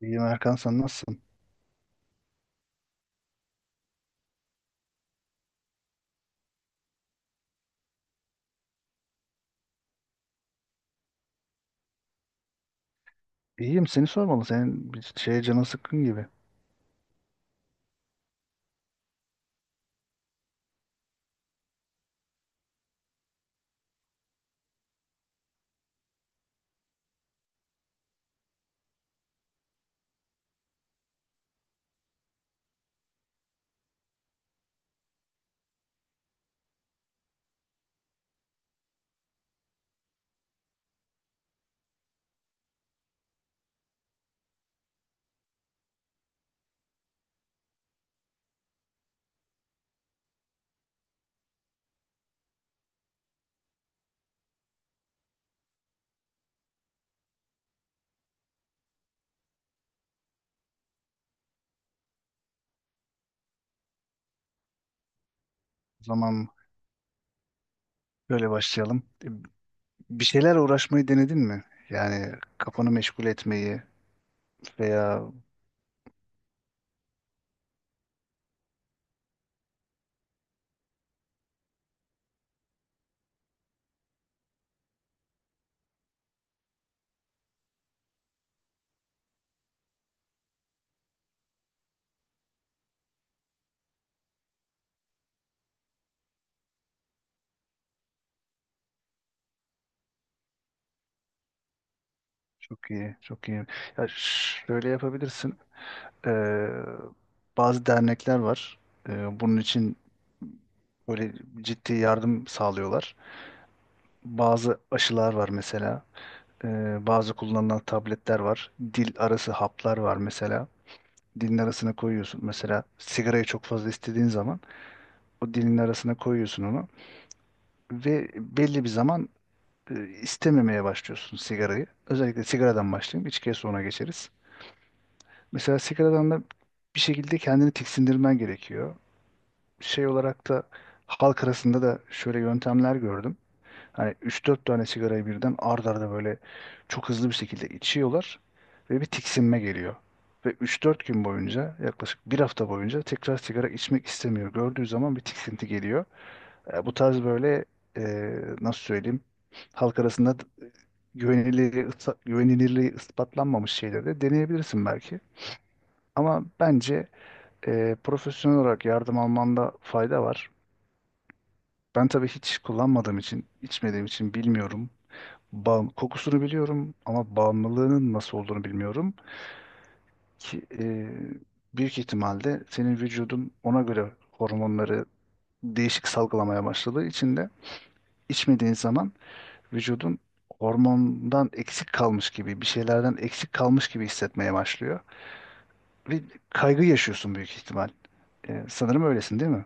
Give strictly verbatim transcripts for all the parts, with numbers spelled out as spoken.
İyiyim Erkan, sen nasılsın? İyiyim, seni sormalı. Senin bir şeye canın sıkkın gibi. O zaman böyle başlayalım. E, Bir şeyler uğraşmayı denedin mi? Yani kafanı meşgul etmeyi veya çok iyi, çok iyi. Ya ş- şöyle yapabilirsin. Ee, Bazı dernekler var. Ee, bunun için böyle ciddi yardım sağlıyorlar. Bazı aşılar var mesela. Ee, bazı kullanılan tabletler var. Dil arası haplar var mesela. Dilin arasına koyuyorsun. Mesela sigarayı çok fazla istediğin zaman o dilin arasına koyuyorsun onu ve belli bir zaman e, istememeye başlıyorsun sigarayı. Özellikle sigaradan başlayayım. İçkiye sonra geçeriz. Mesela sigaradan da bir şekilde kendini tiksindirmen gerekiyor. Şey olarak da halk arasında da şöyle yöntemler gördüm. Hani üç dört tane sigarayı birden ard arda böyle çok hızlı bir şekilde içiyorlar ve bir tiksinme geliyor. Ve üç dört gün boyunca, yaklaşık bir hafta boyunca tekrar sigara içmek istemiyor. Gördüğü zaman bir tiksinti geliyor. E, bu tarz böyle, e, nasıl söyleyeyim, halk arasında d- e, güvenilirliği, ısa- güvenilirliği ispatlanmamış şeyleri de deneyebilirsin belki. Ama bence e, profesyonel olarak yardım almanda fayda var. Ben tabii hiç kullanmadığım için, içmediğim için bilmiyorum. Bağım, kokusunu biliyorum ama bağımlılığının nasıl olduğunu bilmiyorum ki e, büyük ihtimalle senin vücudun ona göre hormonları değişik salgılamaya başladığı için de içmediğin zaman vücudun hormondan eksik kalmış gibi, bir şeylerden eksik kalmış gibi hissetmeye başlıyor ve kaygı yaşıyorsun büyük ihtimal. E, sanırım öylesin değil mi?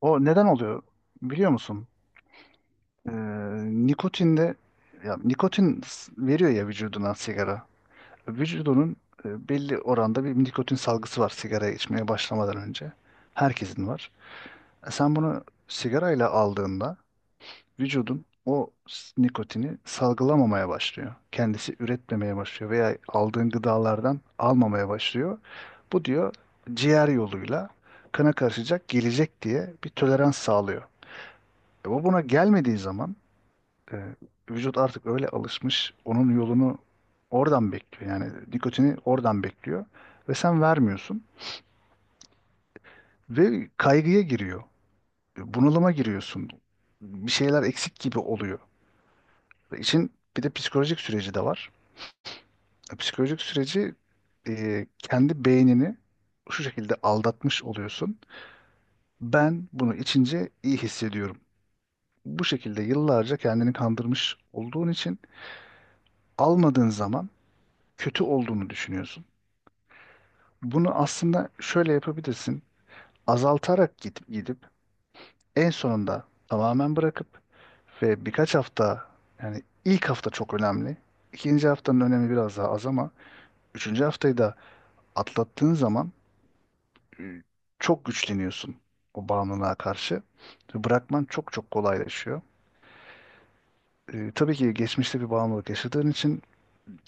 O neden oluyor biliyor musun? E, Nikotinde, ya nikotin s- veriyor ya vücuduna sigara. Vücudunun e, belli oranda bir nikotin salgısı var sigara içmeye başlamadan önce. Herkesin var. E, Sen bunu sigarayla aldığında vücudun o s- nikotini salgılamamaya başlıyor. Kendisi üretmemeye başlıyor veya aldığın gıdalardan almamaya başlıyor. Bu diyor ciğer yoluyla kana karışacak, gelecek diye bir tolerans sağlıyor. E, bu buna gelmediği zaman e, vücut artık öyle alışmış, onun yolunu oradan bekliyor. Yani nikotini oradan bekliyor ve sen vermiyorsun ve kaygıya giriyor. Bunalıma giriyorsun. Bir şeyler eksik gibi oluyor. Ve İşin bir de psikolojik süreci de var. E, Psikolojik süreci, e, kendi beynini şu şekilde aldatmış oluyorsun. Ben bunu içince iyi hissediyorum. Bu şekilde yıllarca kendini kandırmış olduğun için almadığın zaman kötü olduğunu düşünüyorsun. Bunu aslında şöyle yapabilirsin. Azaltarak gidip gidip en sonunda tamamen bırakıp ve birkaç hafta, yani ilk hafta çok önemli. İkinci haftanın önemi biraz daha az ama üçüncü haftayı da atlattığın zaman e, çok güçleniyorsun o bağımlılığa karşı. Ve bırakman çok çok kolaylaşıyor. E, tabii ki geçmişte bir bağımlılık yaşadığın için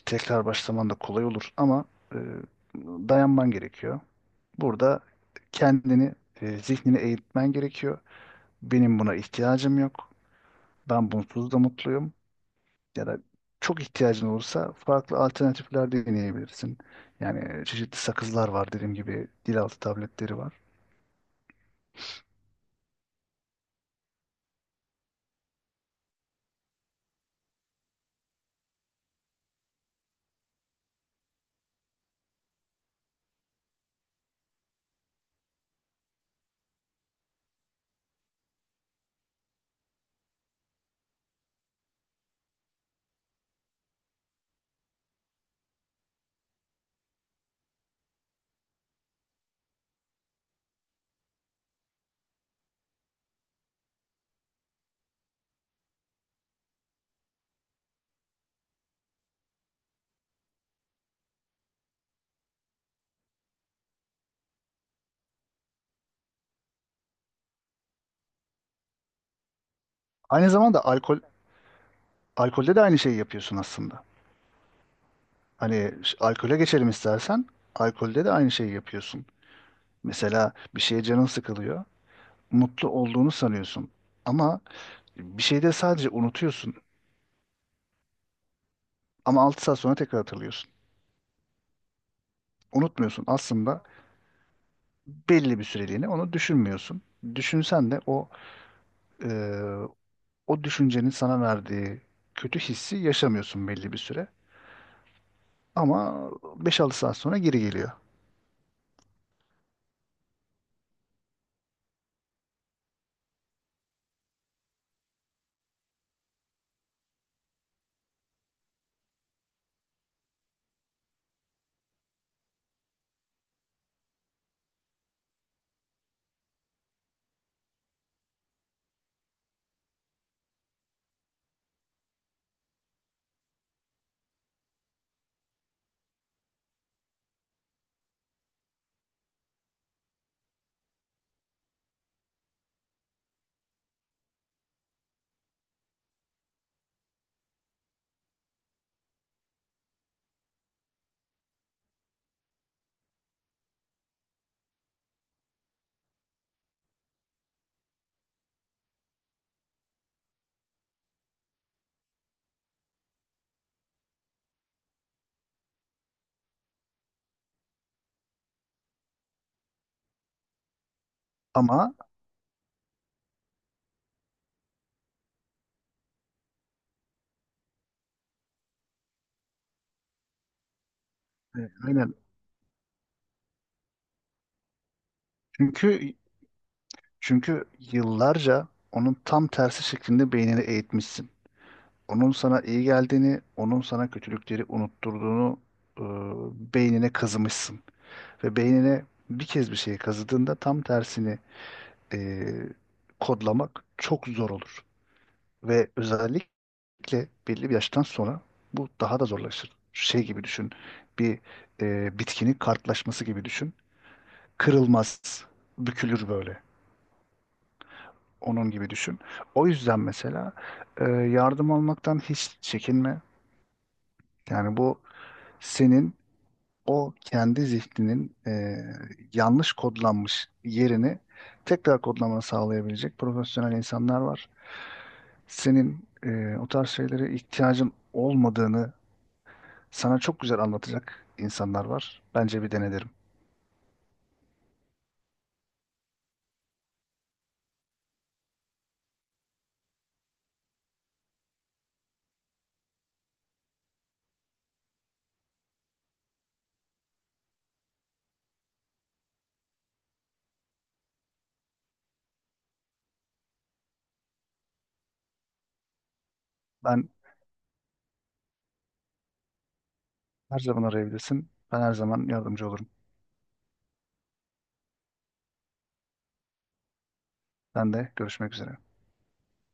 tekrar başlaman da kolay olur ama e, dayanman gerekiyor. Burada kendini, e, zihnini eğitmen gerekiyor. Benim buna ihtiyacım yok. Ben bunsuz da mutluyum. Ya da çok ihtiyacın olursa farklı alternatifler deneyebilirsin. Yani çeşitli sakızlar var, dediğim gibi dilaltı tabletleri var. Aynı zamanda alkol alkolde de aynı şeyi yapıyorsun aslında. Hani ş- alkole geçelim istersen, alkolde de aynı şeyi yapıyorsun. Mesela bir şeye canın sıkılıyor. Mutlu olduğunu sanıyorsun. Ama bir şeyde sadece unutuyorsun. Ama altı saat sonra tekrar hatırlıyorsun. Unutmuyorsun aslında, belli bir süreliğine onu düşünmüyorsun. Düşünsen de o e, o düşüncenin sana verdiği kötü hissi yaşamıyorsun belli bir süre. Ama beş altı saat sonra geri geliyor. Ama e, aynen, çünkü çünkü yıllarca onun tam tersi şeklinde beynini eğitmişsin. Onun sana iyi geldiğini, onun sana kötülükleri unutturduğunu e, beynine kazımışsın. Ve beynine bir kez bir şeyi kazıdığında tam tersini e, kodlamak çok zor olur. Ve özellikle belli bir yaştan sonra bu daha da zorlaşır. Şey gibi düşün, bir e, bitkinin kartlaşması gibi düşün. Kırılmaz, bükülür böyle. Onun gibi düşün. O yüzden mesela e, yardım almaktan hiç çekinme. Yani bu senin o kendi zihninin e, yanlış kodlanmış yerini tekrar kodlamanı sağlayabilecek profesyonel insanlar var. Senin e, o tarz şeylere ihtiyacın olmadığını sana çok güzel anlatacak insanlar var. Bence bir dene derim. Ben her zaman arayabilirsin. Ben her zaman yardımcı olurum. Ben de görüşmek üzere.